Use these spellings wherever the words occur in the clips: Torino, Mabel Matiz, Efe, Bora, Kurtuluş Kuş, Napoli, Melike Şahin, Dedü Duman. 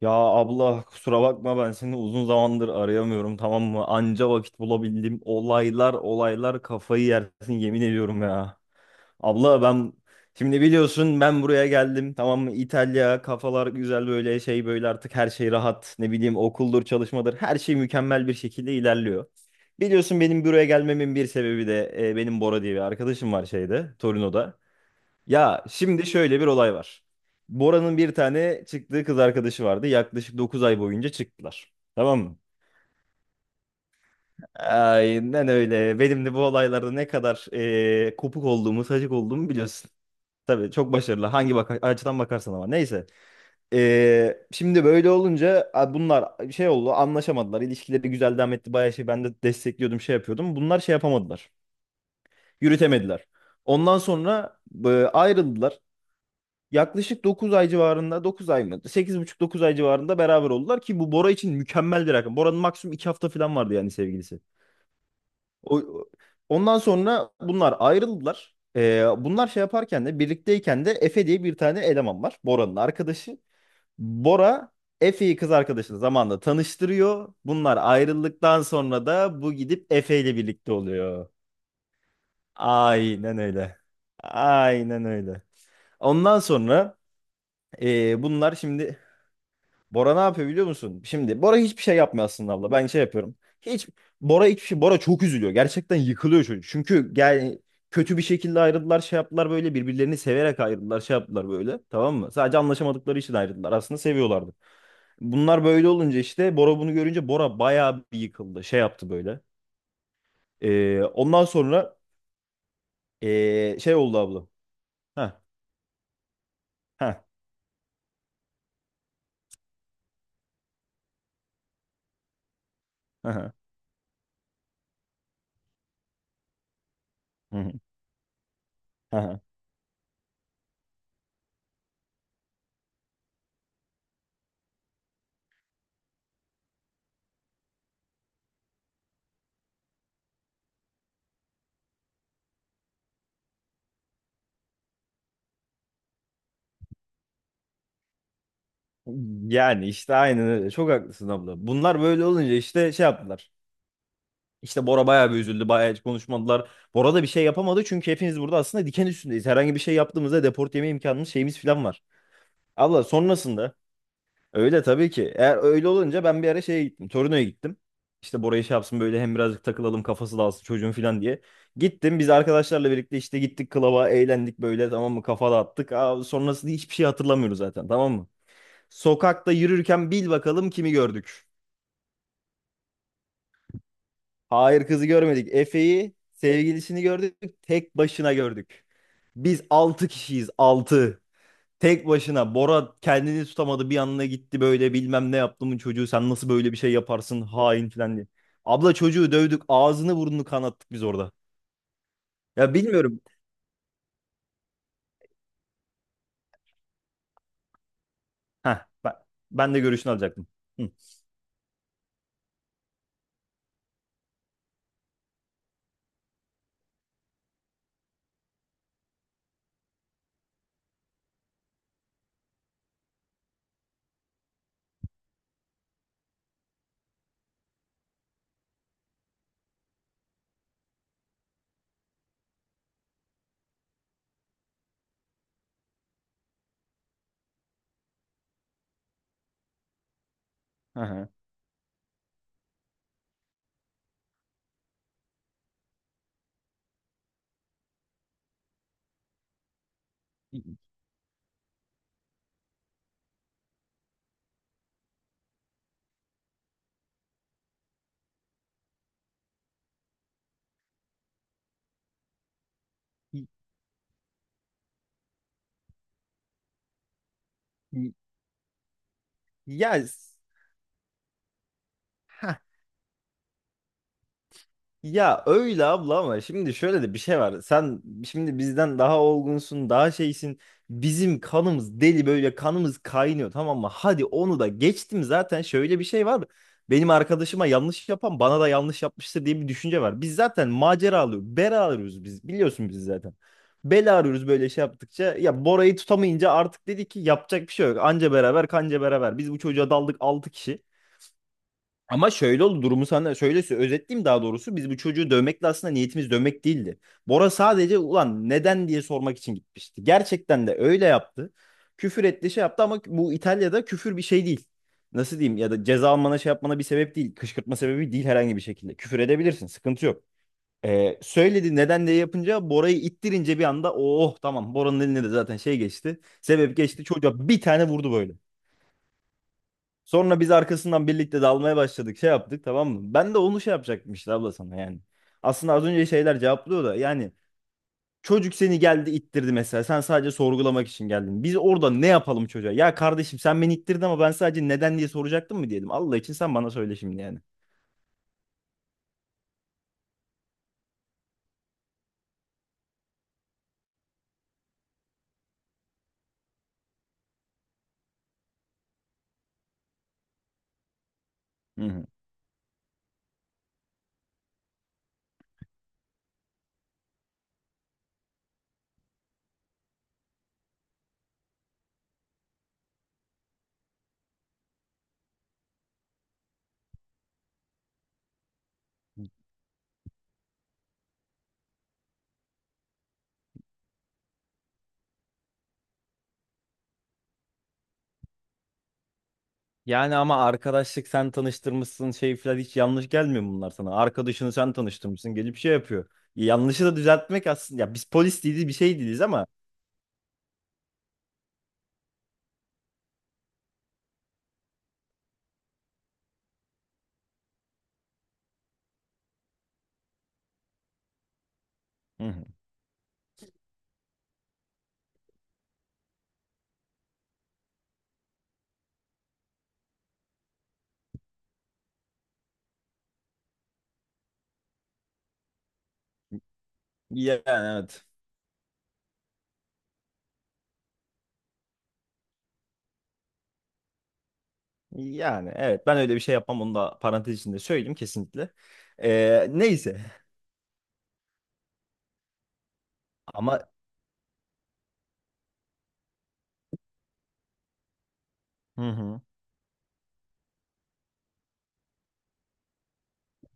Ya abla kusura bakma ben seni uzun zamandır arayamıyorum tamam mı? Anca vakit bulabildim. Olaylar olaylar kafayı yersin yemin ediyorum ya. Abla ben şimdi biliyorsun ben buraya geldim tamam mı? İtalya kafalar güzel böyle şey böyle artık her şey rahat. Ne bileyim okuldur çalışmadır her şey mükemmel bir şekilde ilerliyor. Biliyorsun benim buraya gelmemin bir sebebi de benim Bora diye bir arkadaşım var şeyde Torino'da. Ya şimdi şöyle bir olay var. Bora'nın bir tane çıktığı kız arkadaşı vardı. Yaklaşık 9 ay boyunca çıktılar. Tamam mı? Aynen öyle. Benim de bu olaylarda ne kadar kopuk olduğumu, sacık olduğumu biliyorsun. Tabii çok başarılı. Hangi açıdan bakarsan ama. Neyse. Şimdi böyle olunca bunlar şey oldu, anlaşamadılar. İlişkileri güzel devam etti. Bayağı şey, ben de destekliyordum, şey yapıyordum. Bunlar şey yapamadılar. Yürütemediler. Ondan sonra ayrıldılar. Yaklaşık 9 ay civarında, 9 ay mı? 8,5-9 ay civarında beraber oldular ki bu Bora için mükemmel bir rakam. Bora'nın maksimum 2 hafta falan vardı yani sevgilisi. O, ondan sonra bunlar ayrıldılar. Bunlar şey yaparken de, birlikteyken de Efe diye bir tane eleman var. Bora'nın arkadaşı. Bora Efe'yi kız arkadaşını zamanla tanıştırıyor. Bunlar ayrıldıktan sonra da bu gidip Efe ile birlikte oluyor. Aynen öyle. Aynen öyle. Ondan sonra bunlar şimdi Bora ne yapıyor biliyor musun? Şimdi Bora hiçbir şey yapmıyor aslında abla. Ben şey yapıyorum. Hiç, Bora hiçbir şey. Bora çok üzülüyor. Gerçekten yıkılıyor çocuk. Çünkü yani kötü bir şekilde ayrıldılar, şey yaptılar böyle, birbirlerini severek ayrıldılar, şey yaptılar böyle. Tamam mı? Sadece anlaşamadıkları için ayrıldılar. Aslında seviyorlardı. Bunlar böyle olunca işte Bora bunu görünce Bora bayağı bir yıkıldı. Şey yaptı böyle. Ondan sonra şey oldu abla. Ha, ha, ha, ha. Yani işte aynen öyle. Çok haklısın abla. Bunlar böyle olunca işte şey yaptılar. İşte Bora bayağı bir üzüldü. Bayağı hiç konuşmadılar. Bora da bir şey yapamadı çünkü hepimiz burada aslında diken üstündeyiz. Herhangi bir şey yaptığımızda deport yeme imkanımız, şeyimiz falan var. Allah sonrasında öyle tabii ki. Eğer öyle olunca ben bir ara şeye gittim. Torino'ya gittim. İşte Bora'yı şey yapsın böyle, hem birazcık takılalım, kafası dağılsın çocuğun falan diye. Gittim, biz arkadaşlarla birlikte işte gittik klaba, eğlendik böyle tamam mı, kafa dağıttık. Sonrasında hiçbir şey hatırlamıyoruz zaten tamam mı? Sokakta yürürken bil bakalım kimi gördük. Hayır, kızı görmedik. Efe'yi, sevgilisini gördük. Tek başına gördük. Biz 6 kişiyiz. 6. Tek başına. Bora kendini tutamadı, bir yanına gitti böyle, bilmem ne yaptımın çocuğu, sen nasıl böyle bir şey yaparsın hain filan diye. Abla çocuğu dövdük, ağzını burnunu kanattık biz orada. Ya bilmiyorum. Heh, ben, ben de görüşünü alacaktım. Hı. Hı. Y- y- y- Ya Ya öyle abla ama şimdi şöyle de bir şey var. Sen şimdi bizden daha olgunsun, daha şeysin. Bizim kanımız deli, böyle kanımız kaynıyor tamam mı? Hadi onu da geçtim, zaten şöyle bir şey var. Benim arkadaşıma yanlış yapan bana da yanlış yapmıştır diye bir düşünce var. Biz zaten macera alıyoruz, bela arıyoruz biz. Biliyorsun biz zaten. Bela arıyoruz böyle şey yaptıkça. Ya Bora'yı tutamayınca artık dedi ki yapacak bir şey yok. Anca beraber, kanca beraber. Biz bu çocuğa daldık 6 kişi. Ama şöyle oldu, durumu sana şöyle özetleyeyim daha doğrusu. Biz bu çocuğu dövmekle, aslında niyetimiz dövmek değildi. Bora sadece ulan neden diye sormak için gitmişti. Gerçekten de öyle yaptı. Küfür etti, şey yaptı ama bu İtalya'da küfür bir şey değil. Nasıl diyeyim, ya da ceza almana, şey yapmana bir sebep değil. Kışkırtma sebebi değil herhangi bir şekilde. Küfür edebilirsin, sıkıntı yok. Söyledi neden diye, yapınca, Bora'yı ittirince bir anda oh tamam, Bora'nın eline de zaten şey geçti. Sebep geçti, çocuğa bir tane vurdu böyle. Sonra biz arkasından birlikte dalmaya başladık. Şey yaptık tamam mı? Ben de onu şey yapacaktım işte abla sana yani. Aslında az önce şeyler cevaplıyor da yani, çocuk seni geldi ittirdi mesela. Sen sadece sorgulamak için geldin. Biz orada ne yapalım çocuğa? Ya kardeşim, sen beni ittirdin ama ben sadece neden diye soracaktım mı diyelim. Allah için sen bana söyle şimdi yani. Hı hı. Yani ama arkadaşlık, sen tanıştırmışsın, şey falan hiç yanlış gelmiyor mu bunlar sana. Arkadaşını sen tanıştırmışsın, gelip şey yapıyor. Yanlışı da düzeltmek aslında, ya biz polis değiliz, bir şey değiliz ama. Hı hı. Yani evet. Yani evet, ben öyle bir şey yapmam, onu da parantez içinde söyleyeyim kesinlikle. Neyse ama. Hı hı.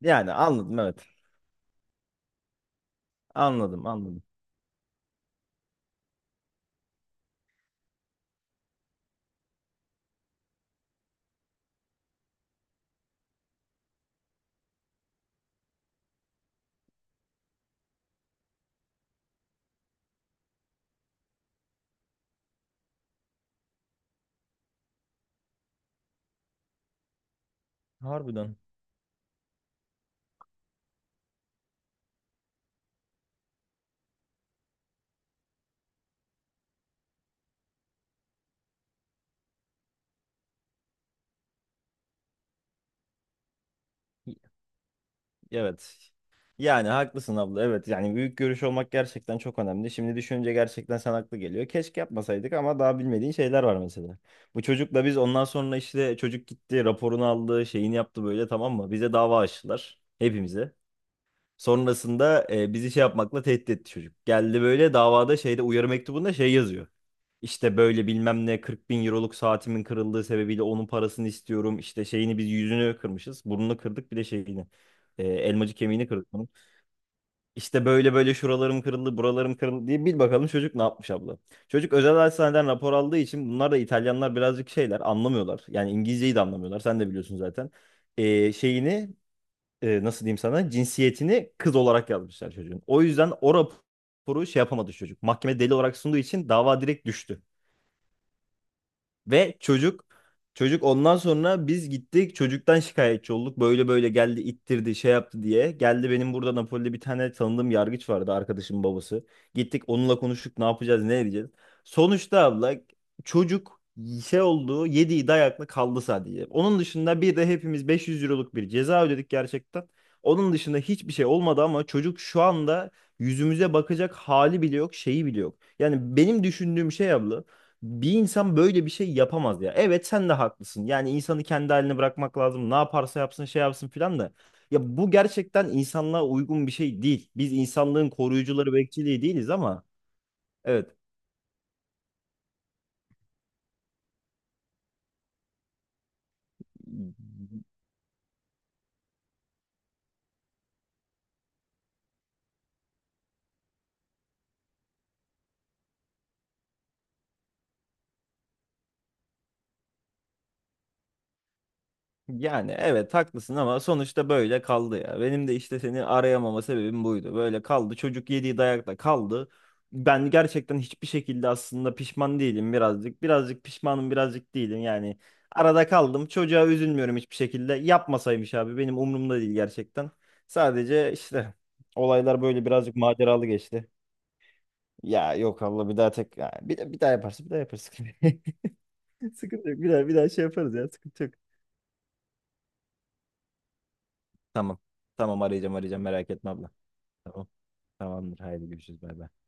Yani anladım evet. Anladım, anladım. Harbiden. Evet. Yani haklısın abla, evet, yani büyük görüş olmak gerçekten çok önemli. Şimdi düşününce gerçekten sen haklı geliyor. Keşke yapmasaydık ama daha bilmediğin şeyler var mesela. Bu çocukla biz ondan sonra, işte çocuk gitti raporunu aldı, şeyini yaptı böyle tamam mı? Bize dava açtılar, hepimize. Sonrasında bizi şey yapmakla tehdit etti çocuk. Geldi böyle davada, şeyde, uyarı mektubunda şey yazıyor. İşte böyle bilmem ne, 40 bin euroluk saatimin kırıldığı sebebiyle onun parasını istiyorum. İşte şeyini biz, yüzünü kırmışız. Burnunu kırdık, bir de şeyini. Elmacık kemiğini kırdık bunun. İşte böyle böyle şuralarım kırıldı, buralarım kırıldı diye, bil bakalım çocuk ne yapmış abla. Çocuk özel hastaneden rapor aldığı için, bunlar da İtalyanlar birazcık şeyler anlamıyorlar. Yani İngilizceyi de anlamıyorlar, sen de biliyorsun zaten şeyini nasıl diyeyim sana, cinsiyetini kız olarak yazmışlar çocuğun. O yüzden o raporu şey yapamadı çocuk. Mahkeme deli olarak sunduğu için dava direkt düştü. Ve çocuk ondan sonra biz gittik çocuktan şikayetçi olduk. Böyle böyle geldi, ittirdi, şey yaptı diye. Geldi, benim burada Napoli'de bir tane tanıdığım yargıç vardı, arkadaşımın babası. Gittik onunla konuştuk, ne yapacağız, ne edeceğiz. Sonuçta abla çocuk şey oldu, yediği dayakla kaldı sadece. Onun dışında bir de hepimiz 500 euroluk bir ceza ödedik gerçekten. Onun dışında hiçbir şey olmadı ama çocuk şu anda yüzümüze bakacak hali bile yok, şeyi bile yok. Yani benim düşündüğüm şey abla, bir insan böyle bir şey yapamaz ya. Evet, sen de haklısın. Yani insanı kendi haline bırakmak lazım. Ne yaparsa yapsın, şey yapsın filan da. Ya bu gerçekten insanlığa uygun bir şey değil. Biz insanlığın koruyucuları, bekçiliği değiliz ama evet. Yani evet, haklısın ama sonuçta böyle kaldı ya. Benim de işte seni arayamama sebebim buydu. Böyle kaldı. Çocuk yediği dayakla kaldı. Ben gerçekten hiçbir şekilde aslında pişman değilim birazcık. Birazcık pişmanım, birazcık değilim yani. Arada kaldım. Çocuğa üzülmüyorum hiçbir şekilde. Yapmasaymış abi, benim umurumda değil gerçekten. Sadece işte olaylar böyle birazcık maceralı geçti. Ya yok Allah bir daha tek, ya bir daha yaparsa bir daha yaparız. Sıkıntı yok. Bir daha bir daha şey yaparız ya, sıkıntı yok. Tamam. Tamam, arayacağım, arayacağım, merak etme abla. Tamam. Tamamdır. Haydi görüşürüz. Bay bay.